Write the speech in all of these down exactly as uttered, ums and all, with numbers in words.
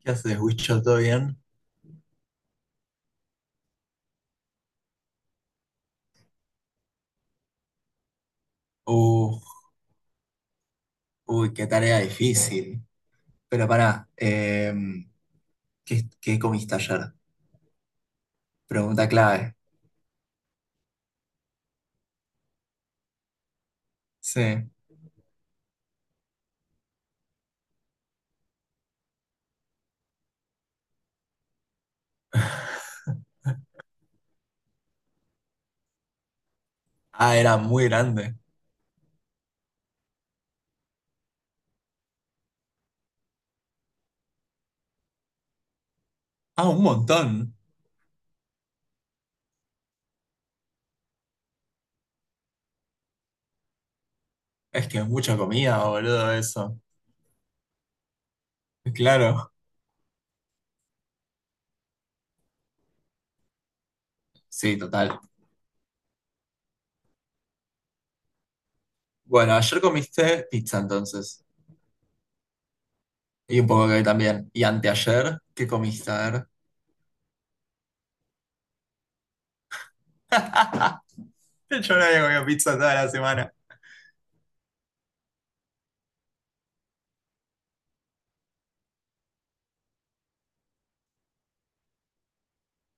¿Qué haces, Wicho? ¿Todo bien? Uh, uy, qué tarea difícil. Pero pará, em, ¿qué, qué comiste ayer? Pregunta clave. Sí. Ah, era muy grande. Ah, un montón. Es que es mucha comida, boludo, eso. Claro. Sí, total. Bueno, ayer comiste pizza entonces. Y un poco que hoy también. Y anteayer, ¿qué comiste? A ver. Yo no había comido pizza toda la semana.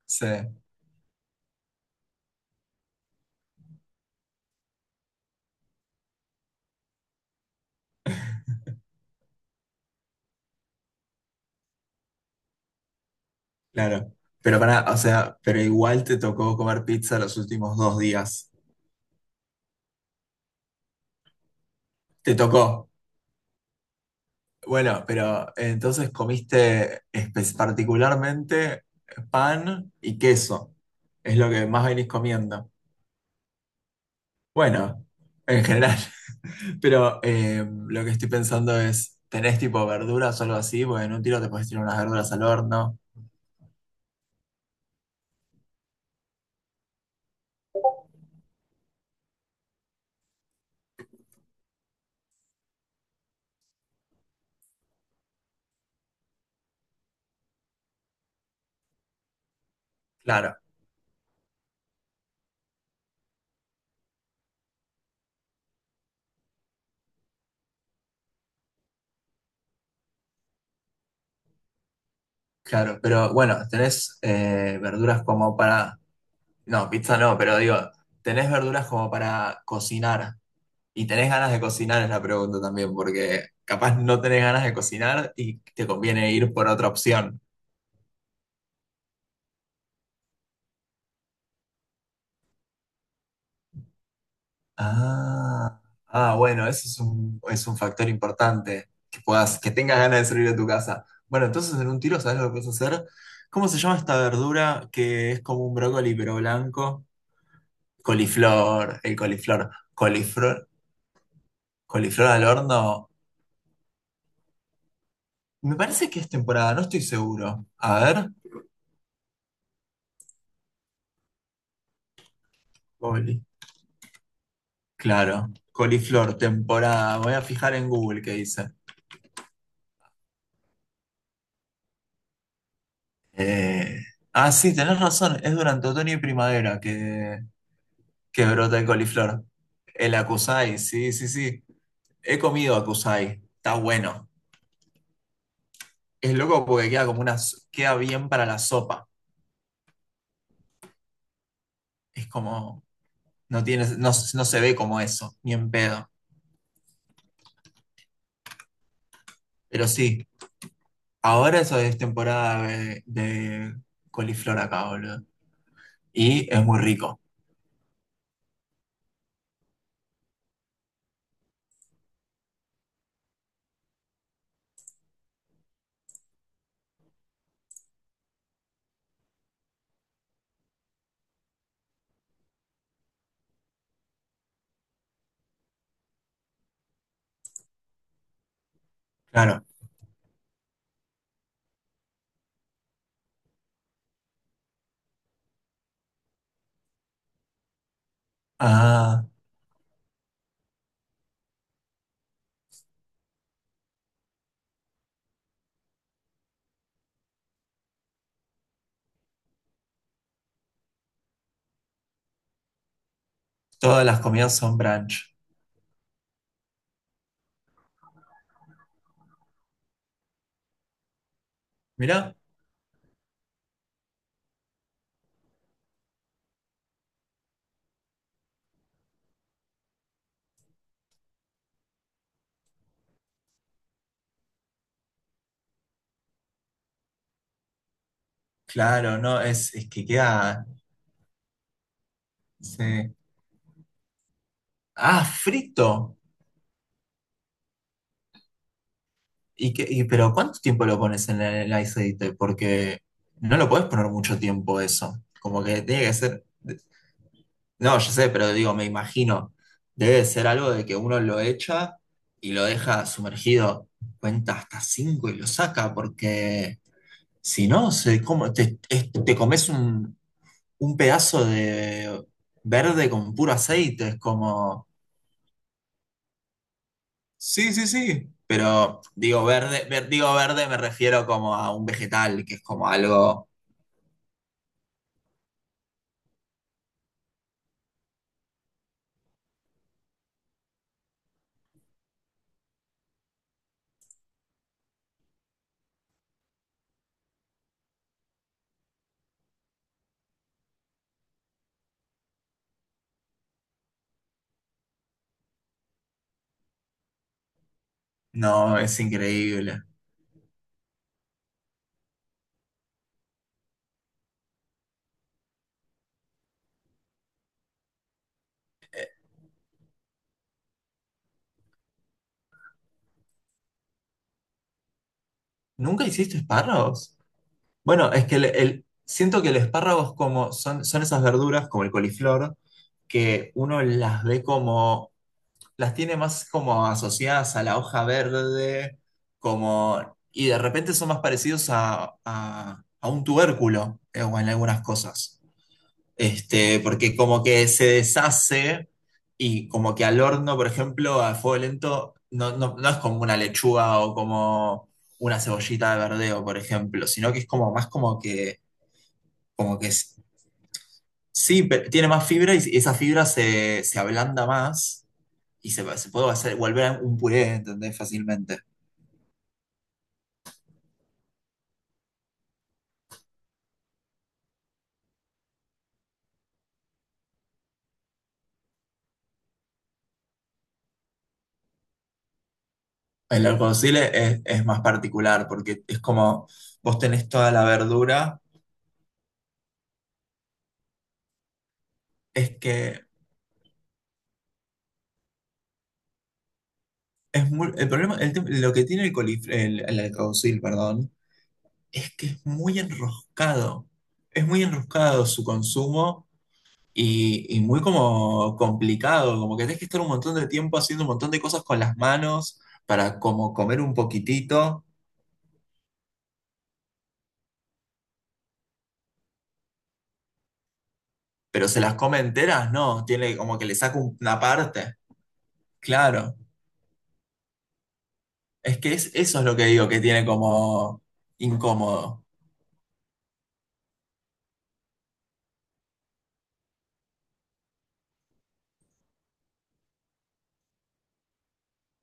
Sí. Claro, pero para, o sea, pero igual te tocó comer pizza los últimos dos días. Te tocó. Bueno, pero entonces comiste espe- particularmente pan y queso. Es lo que más venís comiendo. Bueno, en general. Pero eh, lo que estoy pensando es, ¿tenés tipo verduras o algo así? Porque en un tiro te podés tirar unas verduras al horno. Claro, claro. Pero bueno, ¿tenés eh, verduras como para... No, pizza no, pero digo, ¿tenés verduras como para cocinar? Y tenés ganas de cocinar es la pregunta también, porque capaz no tenés ganas de cocinar y te conviene ir por otra opción. Ah, ah, bueno, eso es un, es un factor importante, que puedas, que tengas ganas de salir de tu casa. Bueno, entonces en un tiro, ¿sabes lo que puedes hacer? ¿Cómo se llama esta verdura que es como un brócoli pero blanco? Coliflor, el coliflor. Coliflor, coliflor al horno. Me parece que es temporada, no estoy seguro. A ver. Coli. Claro. Coliflor, temporada. Voy a fijar en Google qué dice. Eh, Ah, sí, tenés razón. Es durante otoño y primavera que, que brota el coliflor. El acusai, sí, sí, sí. He comido acusai. Está bueno. Es loco porque queda como una, s- queda bien para la sopa. Es como, no tiene, no, s- no se ve como eso, ni en pedo. Pero sí, ahora eso es temporada de, de coliflor acá, boludo. Y es muy rico, claro. Ah, todas las comidas son brunch. Mirá, claro, no, es, es que queda. Se- Ah, frito. ¿Y qué- y- pero cuánto tiempo lo pones en el aceite? Porque no lo puedes poner mucho tiempo eso. Como que tiene que ser. No, yo sé, pero digo, me imagino. Debe de ser algo de que uno lo echa y lo deja sumergido. Cuenta hasta cinco y lo saca, porque... Si no, se, como, te, es- te comes un, un pedazo de verde con puro aceite, es como, sí, sí, sí, pero digo verde, ver- digo verde me refiero como a un vegetal, que es como algo, no, es increíble. ¿Nunca hiciste espárragos? Bueno, es que el, el- siento que el espárrago es como, son, son esas verduras como el coliflor, que uno las ve como las tiene más como asociadas a la hoja verde, como, y de repente son más parecidos a, a- a un tubérculo eh, o en algunas cosas. Este, porque como que se deshace y como que al horno, por ejemplo, a fuego lento, no, no, no es como una lechuga o como una cebollita de verdeo, por ejemplo, sino que es como más como que, como que s- sí, pe- tiene más fibra y esa fibra se, se ablanda más y se, se puede hacer, volver un puré, ¿entendés? Fácilmente. El arcocile es, es más particular porque es como vos tenés toda la verdura, es que es muy, el problema, el tem- lo que tiene el colif el, el alguacil, perdón, es que es muy enroscado. Es muy enroscado su consumo y, y muy como complicado, como que tenés que estar un montón de tiempo haciendo un montón de cosas con las manos para como comer un poquitito, pero se las come enteras, no, tiene como que le saca un- una parte. Claro, es que es, eso es lo que digo, que tiene como incómodo,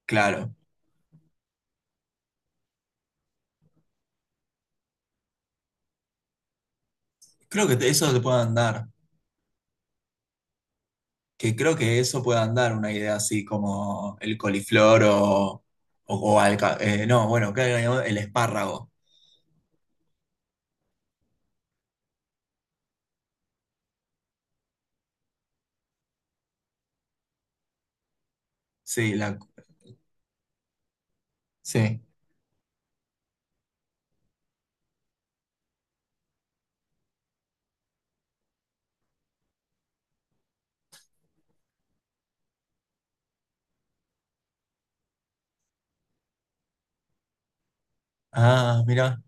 claro. Creo que te- eso te puede andar, que creo que eso puede andar una idea así como el coliflor o, o, o alca- eh, no, bueno, claro, el espárrago, sí, la, sí. Ah, mira,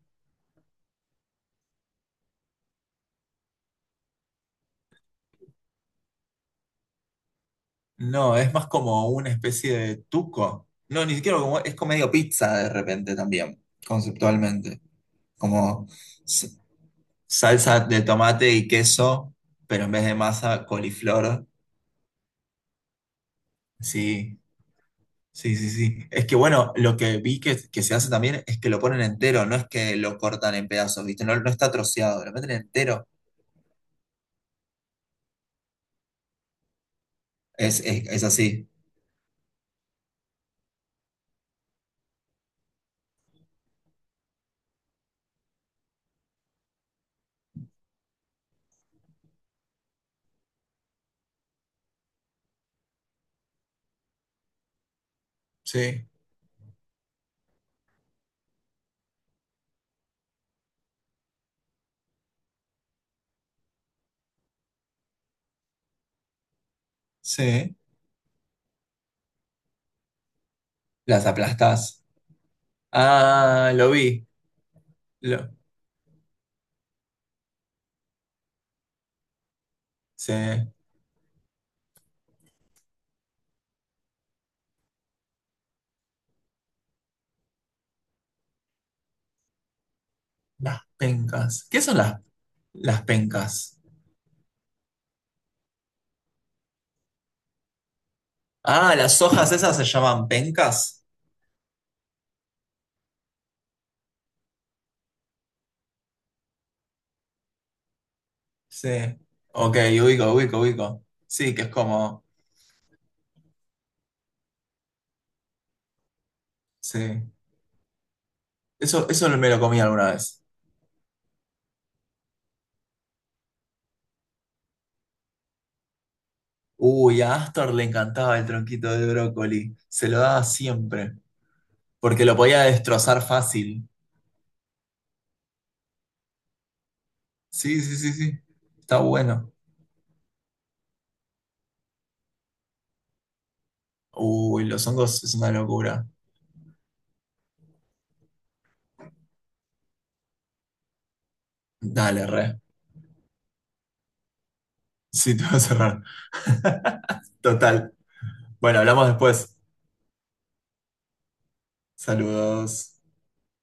no, es más como una especie de tuco. No, ni siquiera como, es como medio pizza de repente también, conceptualmente, como... salsa de tomate y queso, pero en vez de masa, coliflor. Sí, sí, sí, sí. Es que bueno, lo que vi que, que se hace también es que lo ponen entero, no es que lo cortan en pedazos, ¿viste? No, no está troceado, lo meten entero. Es, es, es así. Sí, sí. Las aplastás. Ah, lo vi. Lo, sí. Las pencas. ¿Qué son las, las pencas? Ah, las hojas esas se llaman pencas. Sí. Ok, ubico, ubico, ubico. Sí, que es como... Sí. Eso, eso me lo comí alguna vez. Uy, a Astor le encantaba el tronquito de brócoli. Se lo daba siempre. Porque lo podía destrozar fácil. Sí, sí, sí, sí. Está bueno. Uy, los hongos es una locura. Dale, re. Sí, te voy a cerrar. Total. Bueno, hablamos después. Saludos.